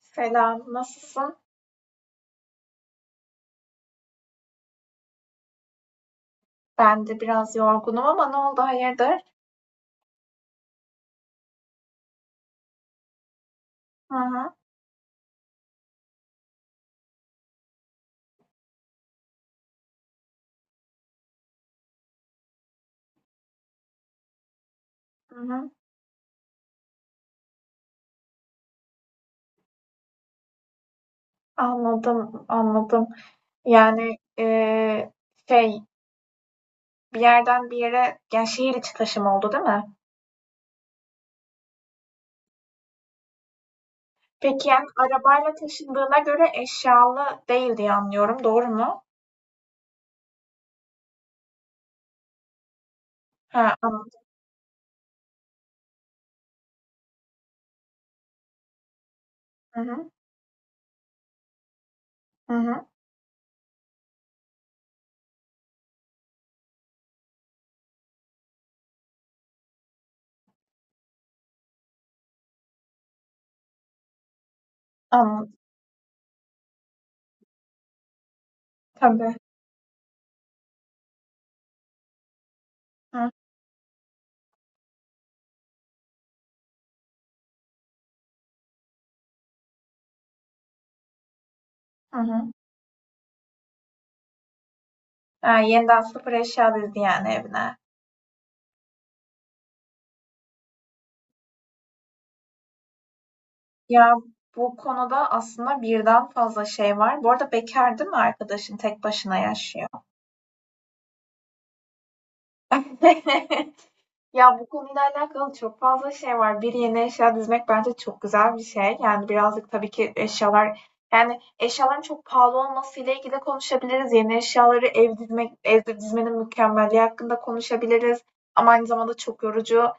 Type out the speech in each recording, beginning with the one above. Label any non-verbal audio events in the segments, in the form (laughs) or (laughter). Selam, nasılsın? Ben de biraz yorgunum ama ne oldu, hayırdır? Hı hı, hı hı. Anladım, anladım. Yani eee, şey, Bir yerden bir yere, yani şehir içi taşım oldu değil mi? Peki yani arabayla taşındığına göre eşyalı değil diye anlıyorum, doğru mu? Ha, anladım. Hı hı, hı hı, anladım. Tabii. Hı hı. Hı. Ha, yeniden sıfır eşya dizdi yani evine. Ya, bu konuda aslında birden fazla şey var. Bu arada bekâr değil mi arkadaşın? Tek başına yaşıyor. (laughs) Ya bu konuyla alakalı çok fazla şey var. Bir yeni eşya dizmek bence çok güzel bir şey. Yani birazcık tabii ki eşyaların çok pahalı olmasıyla ilgili de konuşabiliriz. Yeni eşyaları ev dizmek, evde dizmenin mükemmelliği hakkında konuşabiliriz. Ama aynı zamanda çok yorucu.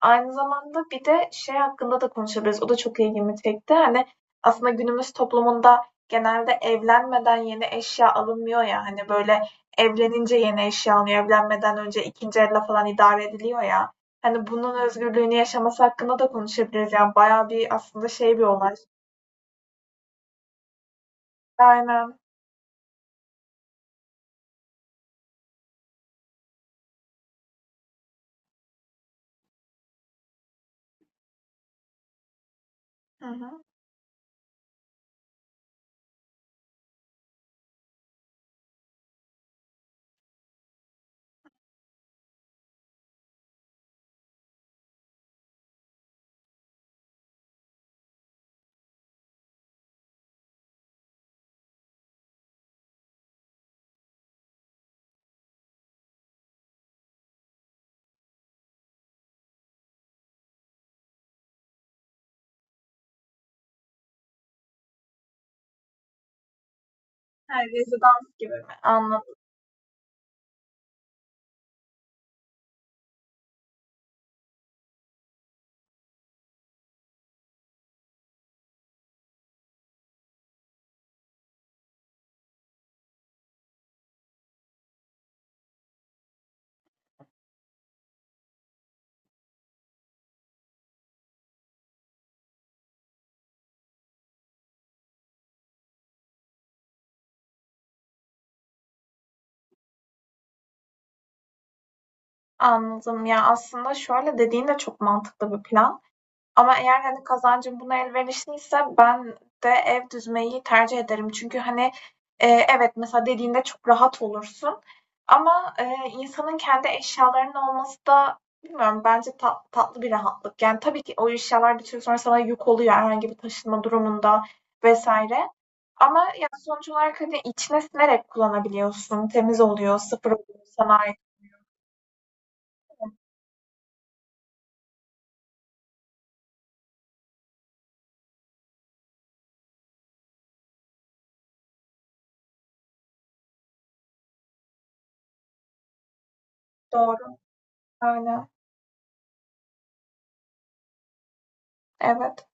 Aynı zamanda bir de şey hakkında da konuşabiliriz. O da çok ilgimi çekti. Hani aslında günümüz toplumunda genelde evlenmeden yeni eşya alınmıyor ya. Hani böyle evlenince yeni eşya alınıyor. Evlenmeden önce 2. elle falan idare ediliyor ya. Hani bunun özgürlüğünü yaşaması hakkında da konuşabiliriz. Yani bayağı bir aslında şey bir olay. Aynen. Hı hı. Ha, rezidans gibi mi? Anladım. Anladım. Ya aslında şöyle dediğin de çok mantıklı bir plan. Ama eğer, hani, kazancım buna elverişliyse ben de ev düzmeyi tercih ederim. Çünkü, hani, evet, mesela dediğinde çok rahat olursun ama, insanın kendi eşyalarının olması da bilmiyorum bence tatlı bir rahatlık. Yani, tabii ki o eşyalar bir süre sonra sana yük oluyor herhangi bir taşınma durumunda vesaire ama, ya, sonuç olarak, hani, içine sinerek kullanabiliyorsun. Temiz oluyor, sıfır oluyor, sana ait. Doğru. Aynen. Evet.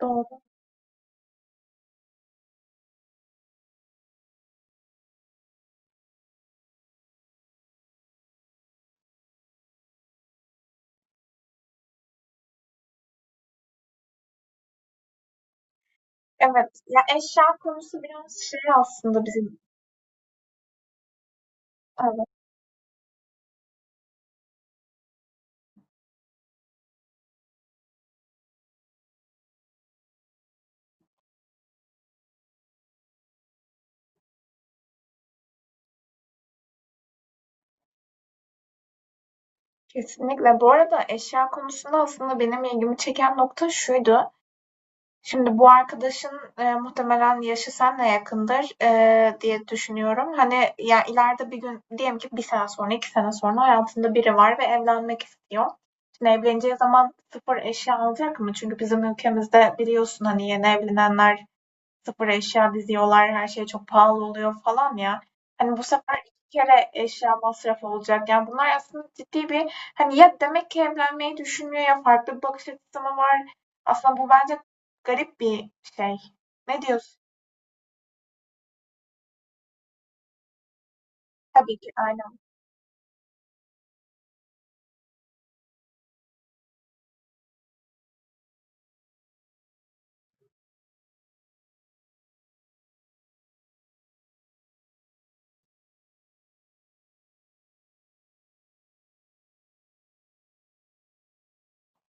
Doğru. Evet, ya eşya konusu biraz şey aslında bizim evet, kesinlikle. Bu arada eşya konusunda aslında benim ilgimi çeken nokta şuydu. Şimdi bu arkadaşın e, muhtemelen yaşı senle yakındır e, diye düşünüyorum. Hani ya ileride bir gün diyelim ki bir sene sonra, iki sene sonra hayatında biri var ve evlenmek istiyor. Şimdi evleneceği zaman sıfır eşya alacak mı? Çünkü bizim ülkemizde biliyorsun hani yeni evlenenler sıfır eşya diziyorlar, her şey çok pahalı oluyor falan ya. Hani bu sefer iki kere eşya masrafı olacak. Yani bunlar aslında ciddi bir hani ya demek ki evlenmeyi düşünmüyor ya farklı bir bakış açısı mı var? Aslında bu bence garip bir şey. Ne diyorsun? Tabii ki aynen.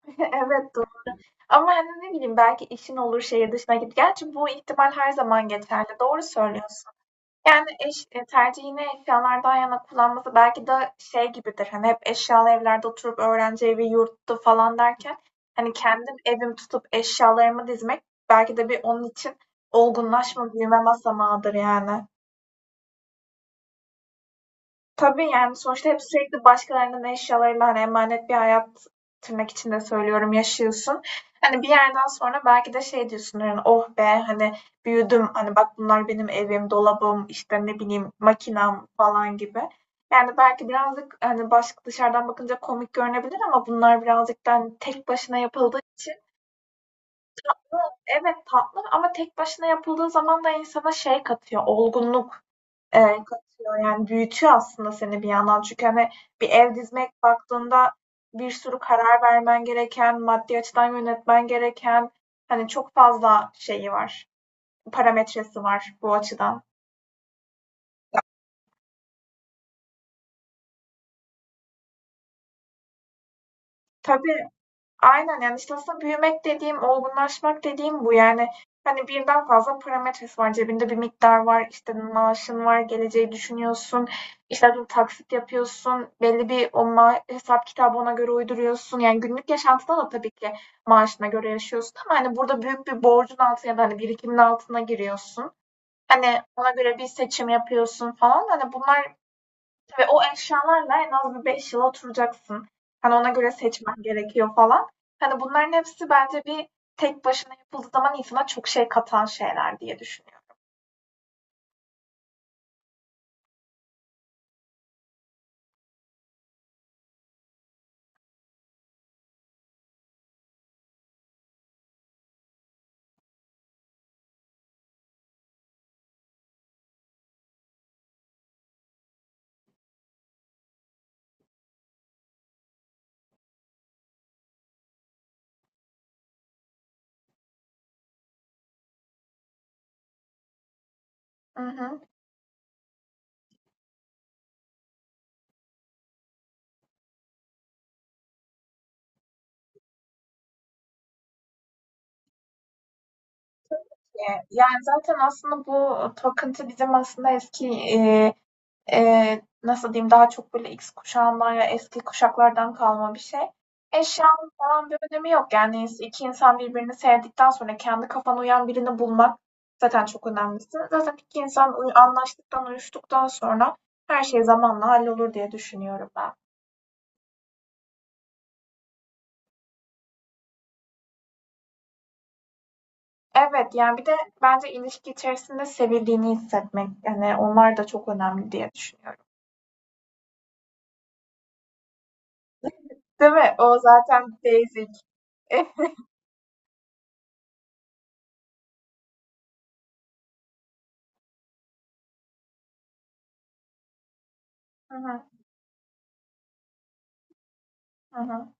(laughs) Evet doğru. Ama hani ne bileyim belki işin olur şehir dışına git. Gerçi bu ihtimal her zaman geçerli. Doğru söylüyorsun. Yani, eş tercihini eşyalardan yana kullanması belki de şey gibidir, hani, hep eşyalı evlerde oturup öğrenci evi, yurttu falan derken, hani, kendim evim tutup eşyalarımı dizmek belki de bir onun için olgunlaşma, büyüme basamağıdır yani. Tabii, yani, sonuçta hep sürekli başkalarının eşyalarıyla, hani, emanet bir hayat tırnak içinde söylüyorum, yaşıyorsun. Hani, bir yerden sonra belki de şey diyorsun, hani, "Oh be, hani, büyüdüm, hani, bak bunlar benim evim, dolabım, işte, ne bileyim, makinam." falan gibi. Yani, belki birazcık, hani, baş dışarıdan bakınca komik görünebilir ama bunlar birazcık da, hani, tek başına yapıldığı için evet, tatlı ama tek başına yapıldığı zaman da insana şey katıyor, olgunluk. Katıyor. Yani büyütüyor aslında seni bir yandan. Çünkü, hani, bir ev dizmek baktığında bir sürü karar vermen gereken, maddi açıdan yönetmen gereken, hani, çok fazla şeyi var, parametresi var bu açıdan. Tabii. Aynen, yani, işte, aslında büyümek dediğim, olgunlaşmak dediğim bu. Yani, hani, birden fazla parametresi var. Cebinde bir miktar var, işte, maaşın var, geleceği düşünüyorsun, işte, atıyorum taksit yapıyorsun, belli bir o ma hesap kitabı ona göre uyduruyorsun. Yani, günlük yaşantıda da tabii ki maaşına göre yaşıyorsun ama, hani, burada büyük bir borcun altına ya da, hani, birikimin altına giriyorsun. Hani, ona göre bir seçim yapıyorsun falan. Hani, bunlar tabii o eşyalarla en az bir 5 yıl oturacaksın. Hani ona göre seçmen gerekiyor falan. Hani bunların hepsi bence bir tek başına yapıldığı zaman insana çok şey katan şeyler diye düşünüyorum. Hı hı. Yani zaten aslında bu takıntı bizim aslında eski, nasıl diyeyim, daha çok böyle X kuşağından ya eski kuşaklardan kalma bir şey. Eşyanın falan bir önemi yok. Yani iki insan birbirini sevdikten sonra kendi kafana uyan birini bulmak zaten çok önemlisi. Zaten iki insan anlaştıktan, uyuştuktan sonra her şey zamanla hallolur diye düşünüyorum ben. Evet, yani bir de bence ilişki içerisinde sevildiğini hissetmek, yani onlar da çok önemli diye düşünüyorum. Değil mi? O zaten basic. (laughs) Hı hı, hı hı.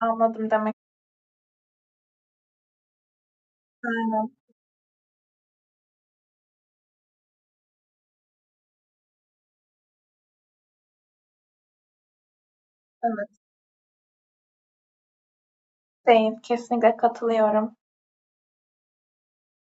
Anladım demek. Aynen. Evet. Değil, kesinlikle katılıyorum.